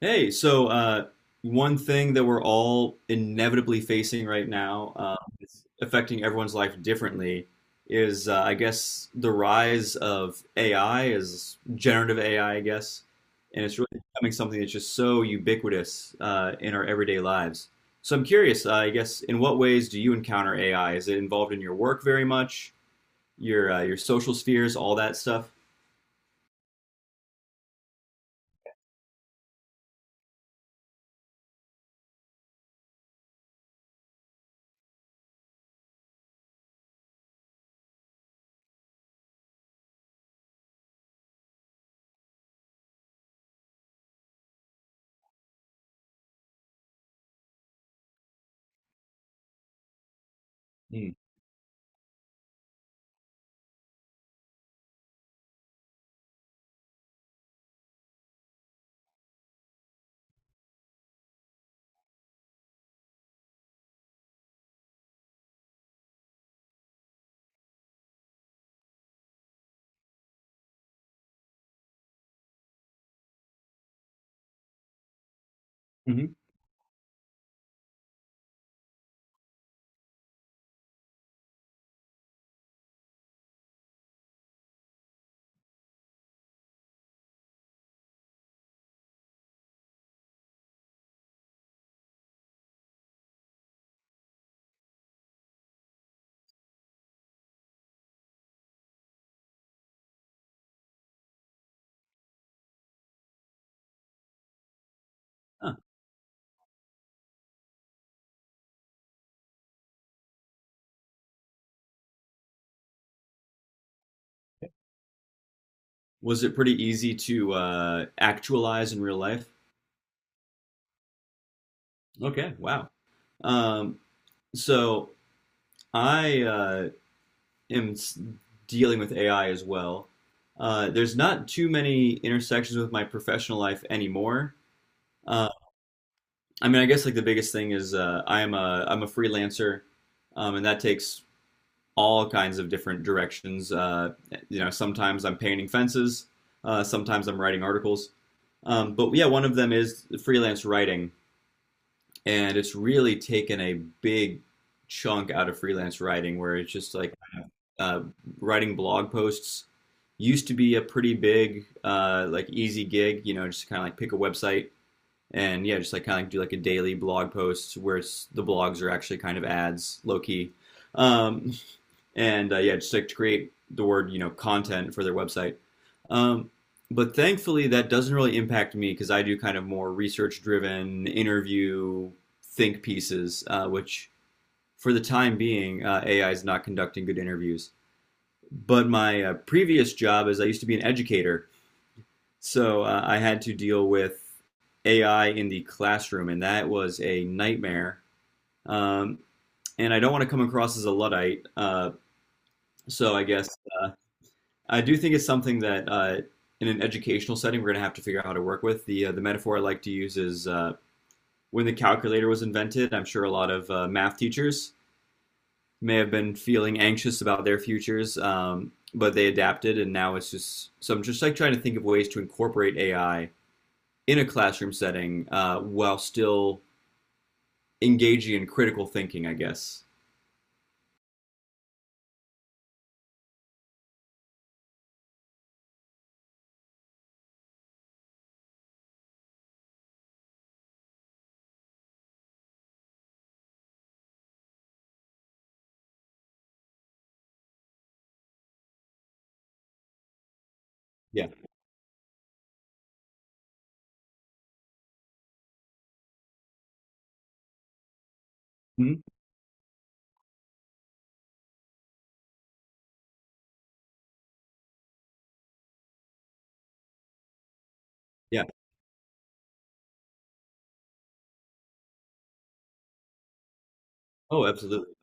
Hey, one thing that we're all inevitably facing right now, it's affecting everyone's life differently, is I guess the rise of AI, is generative AI, I guess, and it's really becoming something that's just so ubiquitous in our everyday lives. So I'm curious, I guess, in what ways do you encounter AI? Is it involved in your work very much, your social spheres, all that stuff? Mm-hmm. Was it pretty easy to actualize in real life? Okay, wow. Um, so I am dealing with AI as well. There's not too many intersections with my professional life anymore. Uh, I mean, I guess like the biggest thing is I'm a freelancer, and that takes all kinds of different directions. You know, sometimes I'm painting fences, sometimes I'm writing articles. But yeah, one of them is freelance writing, and it's really taken a big chunk out of freelance writing where it's just like uh, writing blog posts used to be a pretty big like easy gig, you know, just kind of like pick a website and yeah, just like kind of like do like a daily blog post where it's the blogs are actually kind of ads, low key. Um, and Yeah, just like to create the word content for their website. Um, but thankfully, that doesn't really impact me because I do kind of more research-driven interview think pieces, which for the time being, AI is not conducting good interviews. But my previous job is I used to be an educator, so I had to deal with AI in the classroom, and that was a nightmare. Um, and I don't want to come across as a luddite, so I guess uh, I do think it's something that in an educational setting we're going to have to figure out how to work with. The metaphor I like to use is when the calculator was invented. I'm sure a lot of math teachers may have been feeling anxious about their futures, but they adapted, and now it's just so. I'm just like trying to think of ways to incorporate AI in a classroom setting while still engaging in critical thinking, I guess. Yeah. hmm Yeah. Oh, absolutely.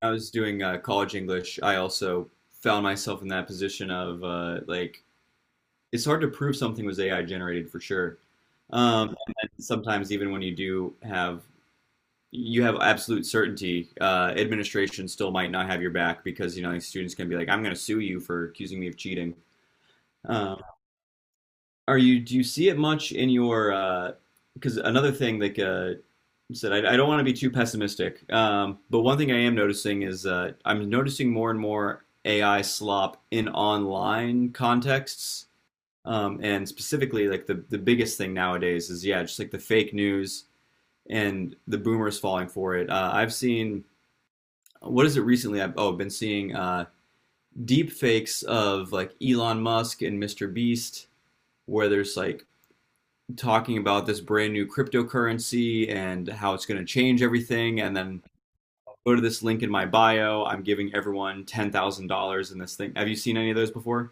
I was doing college English. I also found myself in that position of like it's hard to prove something was AI generated for sure. And sometimes even when you have absolute certainty, administration still might not have your back because, you know, these students can be like, "I'm going to sue you for accusing me of cheating." Um, are you Do you see it much in your because another thing like you said I, don't want to be too pessimistic, but one thing I am noticing is I'm noticing more and more AI slop in online contexts, and specifically like the biggest thing nowadays is yeah, just like the fake news and the boomers falling for it. I've seen, what is it, recently I've, been seeing deep fakes of like Elon Musk and Mr. Beast, where there's like talking about this brand new cryptocurrency and how it's going to change everything, and then go to this link in my bio, I'm giving everyone $10,000 in this thing. Have you seen any of those before?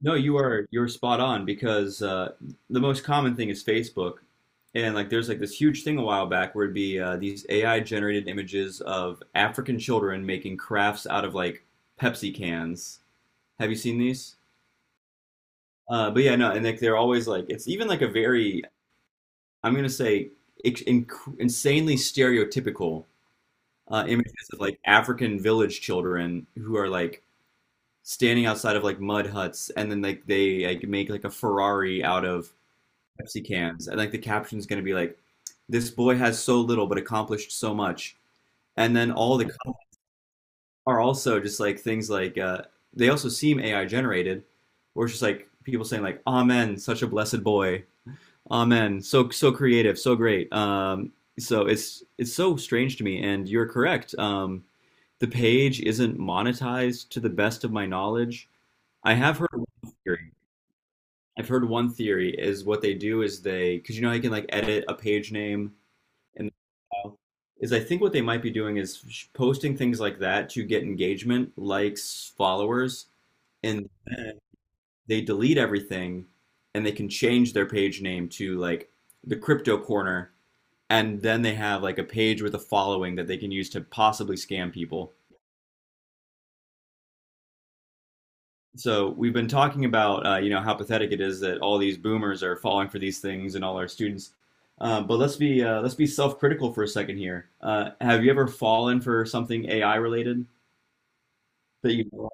No, you are, you're spot on, because the most common thing is Facebook, and like there's like this huge thing a while back where it'd be these AI generated images of African children making crafts out of like Pepsi cans. Have you seen these? But yeah, no, and like they're always like it's even like a very, I'm gonna say insanely stereotypical images of like African village children who are like standing outside of like mud huts, and then like they like make like a Ferrari out of Pepsi cans, and like the caption's gonna be like, "This boy has so little but accomplished so much," and then all the comments are also just like things like they also seem AI generated, or it's just like people saying like, "Amen, such a blessed boy. Amen. So so creative, so great." So it's so strange to me, and you're correct. The page isn't monetized to the best of my knowledge. I have heard one theory. I've heard one theory is what they do is they, because you know, I can like edit a page name and uh, is I think what they might be doing is posting things like that to get engagement, likes, followers, and then they delete everything and they can change their page name to like the crypto corner, and then they have like a page with a following that they can use to possibly scam people. So we've been talking about you know, how pathetic it is that all these boomers are falling for these things, and all our students. But let's be self-critical for a second here. Have you ever fallen for something AI related? But you know,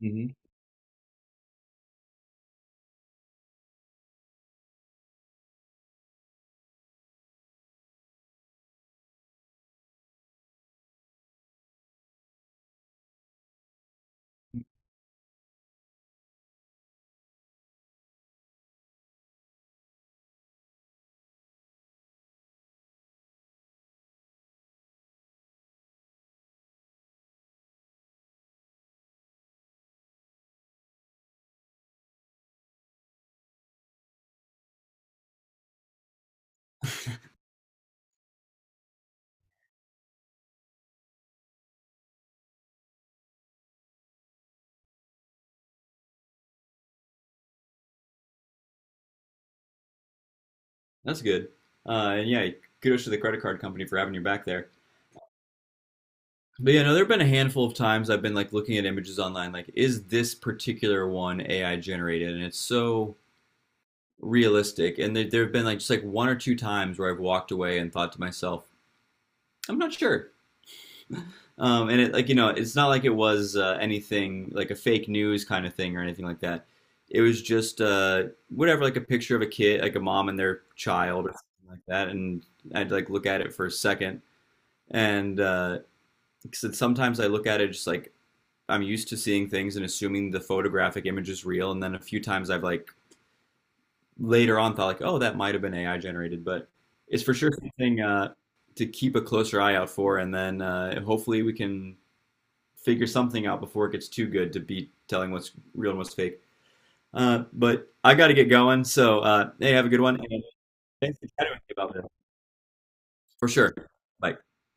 hmm that's good. And yeah, kudos to the credit card company for having your back there. But yeah, no, there have been a handful of times I've been like looking at images online, like, is this particular one AI generated? And it's so realistic. And there have been like just like one or two times where I've walked away and thought to myself, I'm not sure. And it, like, you know, it's not like it was anything like a fake news kind of thing or anything like that. It was just whatever, like a picture of a kid, like a mom and their child or something like that. And I'd like look at it for a second, and 'cause sometimes I look at it just like I'm used to seeing things and assuming the photographic image is real. And then a few times I've like later on thought like, oh, that might have been AI generated, but it's for sure something to keep a closer eye out for. And then hopefully we can figure something out before it gets too good to be telling what's real and what's fake. But I got to get going. So, hey, have a good one. And thanks for chatting with me about this. For sure. Bye.